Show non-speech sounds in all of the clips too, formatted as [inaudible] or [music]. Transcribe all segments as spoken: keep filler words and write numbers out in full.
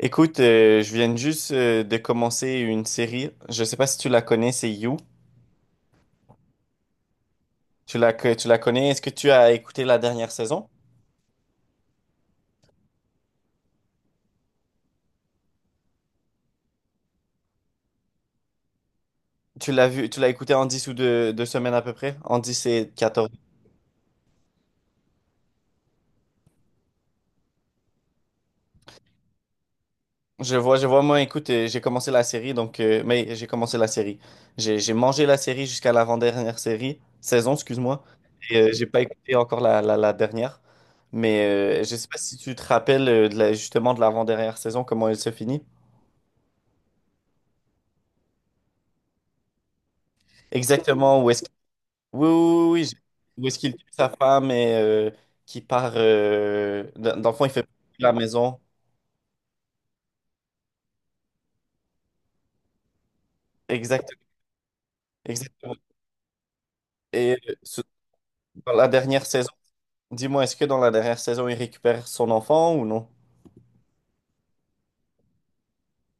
Écoute, euh, je viens juste euh, de commencer une série. Je sais pas si tu la connais, c'est You. Tu la, que- tu la connais? Est-ce que tu as écouté la dernière saison? Tu l'as vu, tu l'as écouté en dix ou deux, deux semaines à peu près? En dix et quatorze. Je vois, je vois, moi, écoute, euh, j'ai commencé la série, donc, euh, mais j'ai commencé la série. J'ai, j'ai mangé la série jusqu'à l'avant-dernière série, saison, excuse-moi. Et euh, j'ai pas écouté encore la, la, la dernière. Mais euh, je sais pas si tu te rappelles euh, de la- justement de l'avant-dernière saison, comment elle se finit. Exactement, où est-ce. Oui, oui, oui. oui, j'ai-. Où est-ce qu'il tue sa femme et euh, qui part. euh, dans dans le fond, il fait partie de la maison. Exact, exactement. Et euh, ce- dans la dernière saison, dis-moi, est-ce que dans la dernière saison, il récupère son enfant ou non?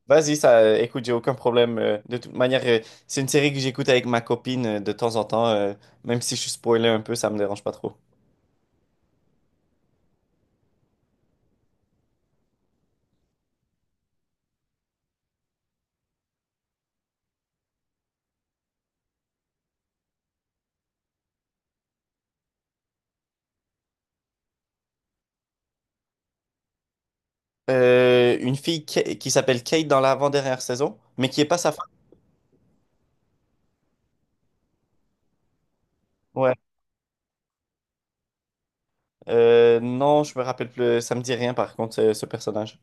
Vas-y, ça, euh, écoute, j'ai aucun problème. Euh, de toute manière, euh, c'est une série que j'écoute avec ma copine euh, de temps en temps. Euh, même si je suis spoilé un peu, ça me dérange pas trop. Euh, une fille qui, qui s'appelle Kate dans l'avant-dernière saison, mais qui est pas sa femme. Ouais. Euh, non, je me rappelle plus. Ça me dit rien par contre, ce, ce personnage.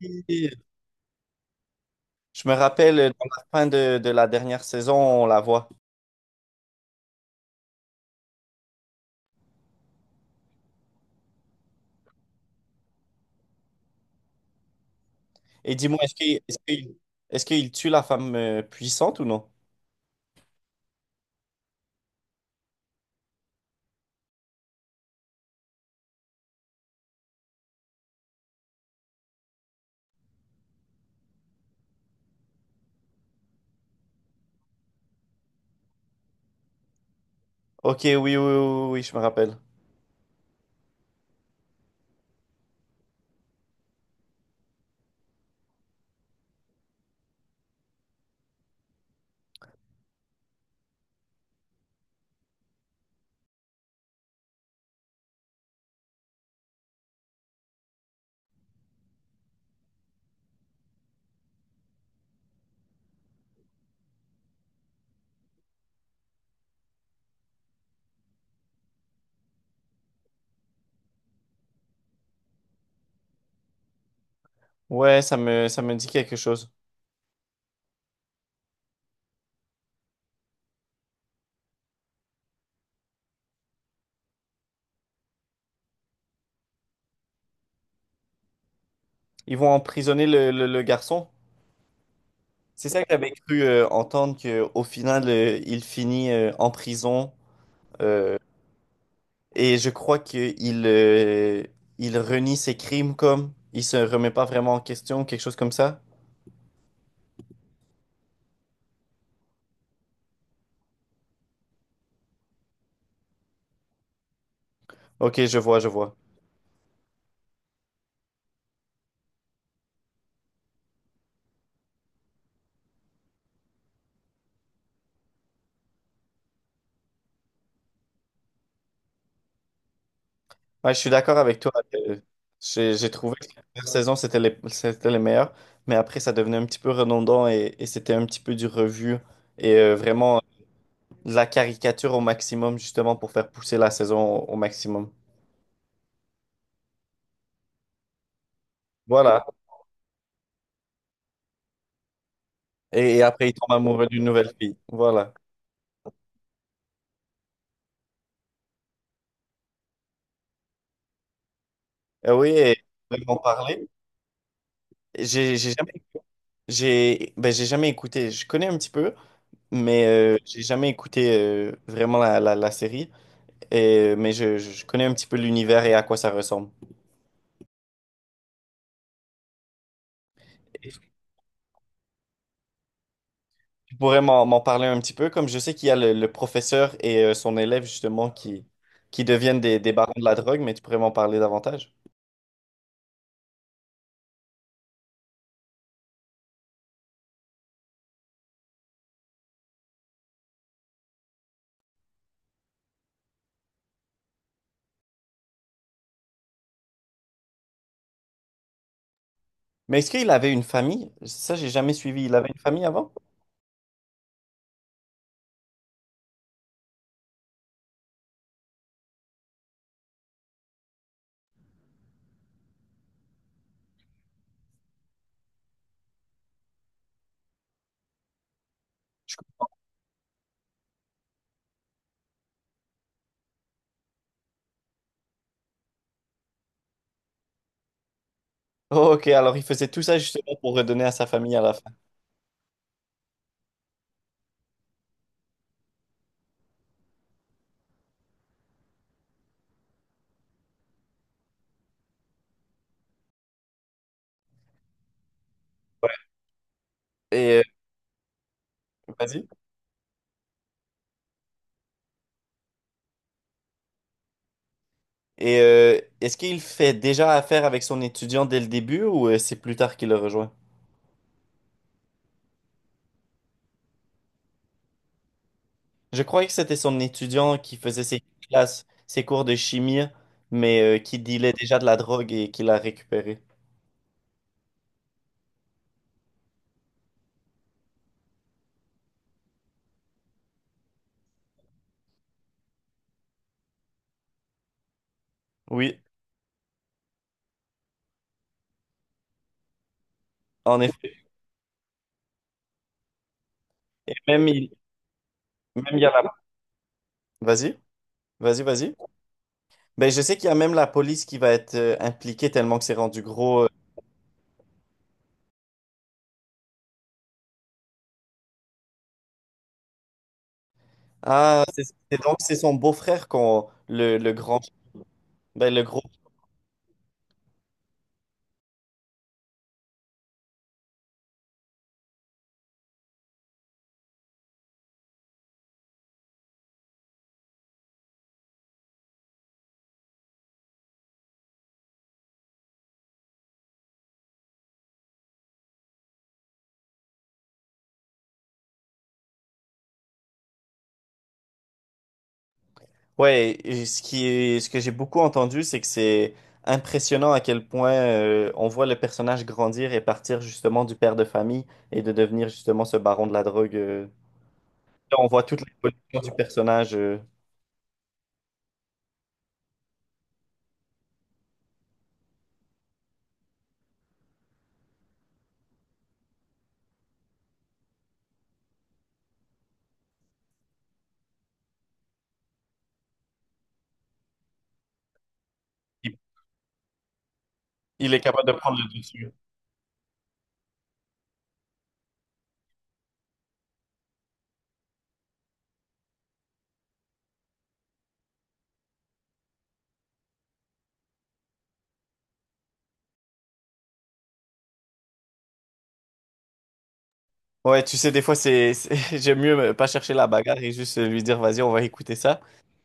Et je me rappelle euh, dans la fin de, de la dernière saison, on la voit. Et dis-moi, est-ce qu'il est-ce qu'il- est-ce qu'il tue la femme euh, puissante ou non? Ok, oui, oui, oui, oui, oui, je me rappelle. Ouais, ça me, ça me dit quelque chose. Ils vont emprisonner le, le- le garçon. C'est ça que j'avais cru euh, entendre, qu'au final, euh, il finit euh, en prison. euh, Et je crois qu'il euh, il renie ses crimes comme il se remet pas vraiment en question, quelque chose comme ça. Ok, je vois, je vois. Ouais, je suis d'accord avec toi. euh, j'ai j'ai trouvé que la première saison, c'était les, c'était les meilleurs, mais après, ça devenait un petit peu redondant et, et c'était un petit peu du revu et euh, vraiment de la caricature au maximum, justement, pour faire pousser la saison au, au maximum. Voilà. Et, et après, il tombe amoureux d'une nouvelle fille. Voilà. Euh, oui, et on peut en parler. J'ai j'ai jamais, j'ai, ben, j'ai jamais écouté. Je connais un petit peu, mais euh, j'ai jamais écouté euh, vraiment la, la, la série. Et, euh, mais je, je connais un petit peu l'univers et à quoi ça ressemble. Est-ce que Tu pourrais m'en m'en parler un petit peu, comme je sais qu'il y a le, le professeur et euh, son élève justement qui, qui deviennent des, des barons de la drogue, mais tu pourrais m'en parler davantage. Mais est-ce qu'il avait une famille? Ça, j'ai jamais suivi. Il avait une famille avant? Oh, ok, alors il faisait tout ça justement pour redonner à sa famille à la fin. Et euh, vas-y. Et euh, est-ce qu'il fait déjà affaire avec son étudiant dès le début ou euh, c'est plus tard qu'il le rejoint? Je croyais que c'était son étudiant qui faisait ses classes, ses cours de chimie, mais euh, qui dealait déjà de la drogue et qui l'a récupéré. Oui, en effet. Et même il, même il y a la… Vas-y, vas-y, vas-y. Ben, je sais qu'il y a même la police qui va être euh, impliquée tellement que c'est rendu gros. euh. Ah, c'est c'est donc c'est son beau-frère qu'on le, le grand, ben, le gros. Ouais, et ce qui est, ce que j'ai beaucoup entendu, c'est que c'est impressionnant à quel point euh, on voit le personnage grandir et partir justement du père de famille et de devenir justement ce baron de la drogue. euh. Là, on voit toute l'évolution du personnage. euh, il il est capable de prendre le dessus. Ouais, tu sais, des fois, c'est, c'est- [laughs] j'aime mieux euh, pas chercher la bagarre et juste euh, lui dire, vas-y, on va écouter ça.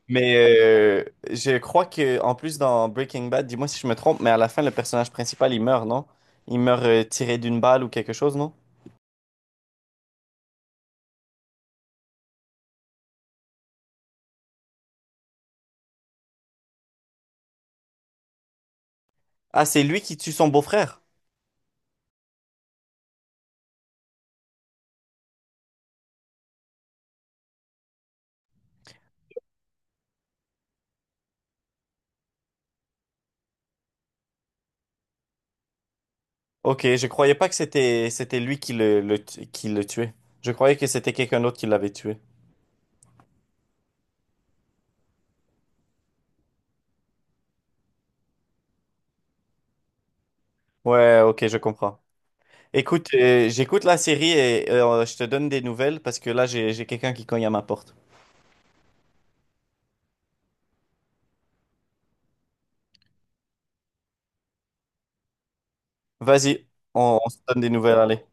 Mais euh, je crois que en plus dans Breaking Bad, dis-moi si je me trompe, mais à la fin, le personnage principal, il meurt, non? Il meurt euh, tiré d'une balle ou quelque chose, non? Ah, c'est lui qui tue son beau-frère. Ok, je croyais pas que c'était c'était lui qui le, le tu- qui le tuait. Je croyais que c'était quelqu'un d'autre qui l'avait tué. Ouais, ok, je comprends. Écoute, euh, j'écoute la série et euh, je te donne des nouvelles parce que là j'ai j'ai quelqu'un qui cogne à ma porte. Vas-y, on on se donne des nouvelles, allez.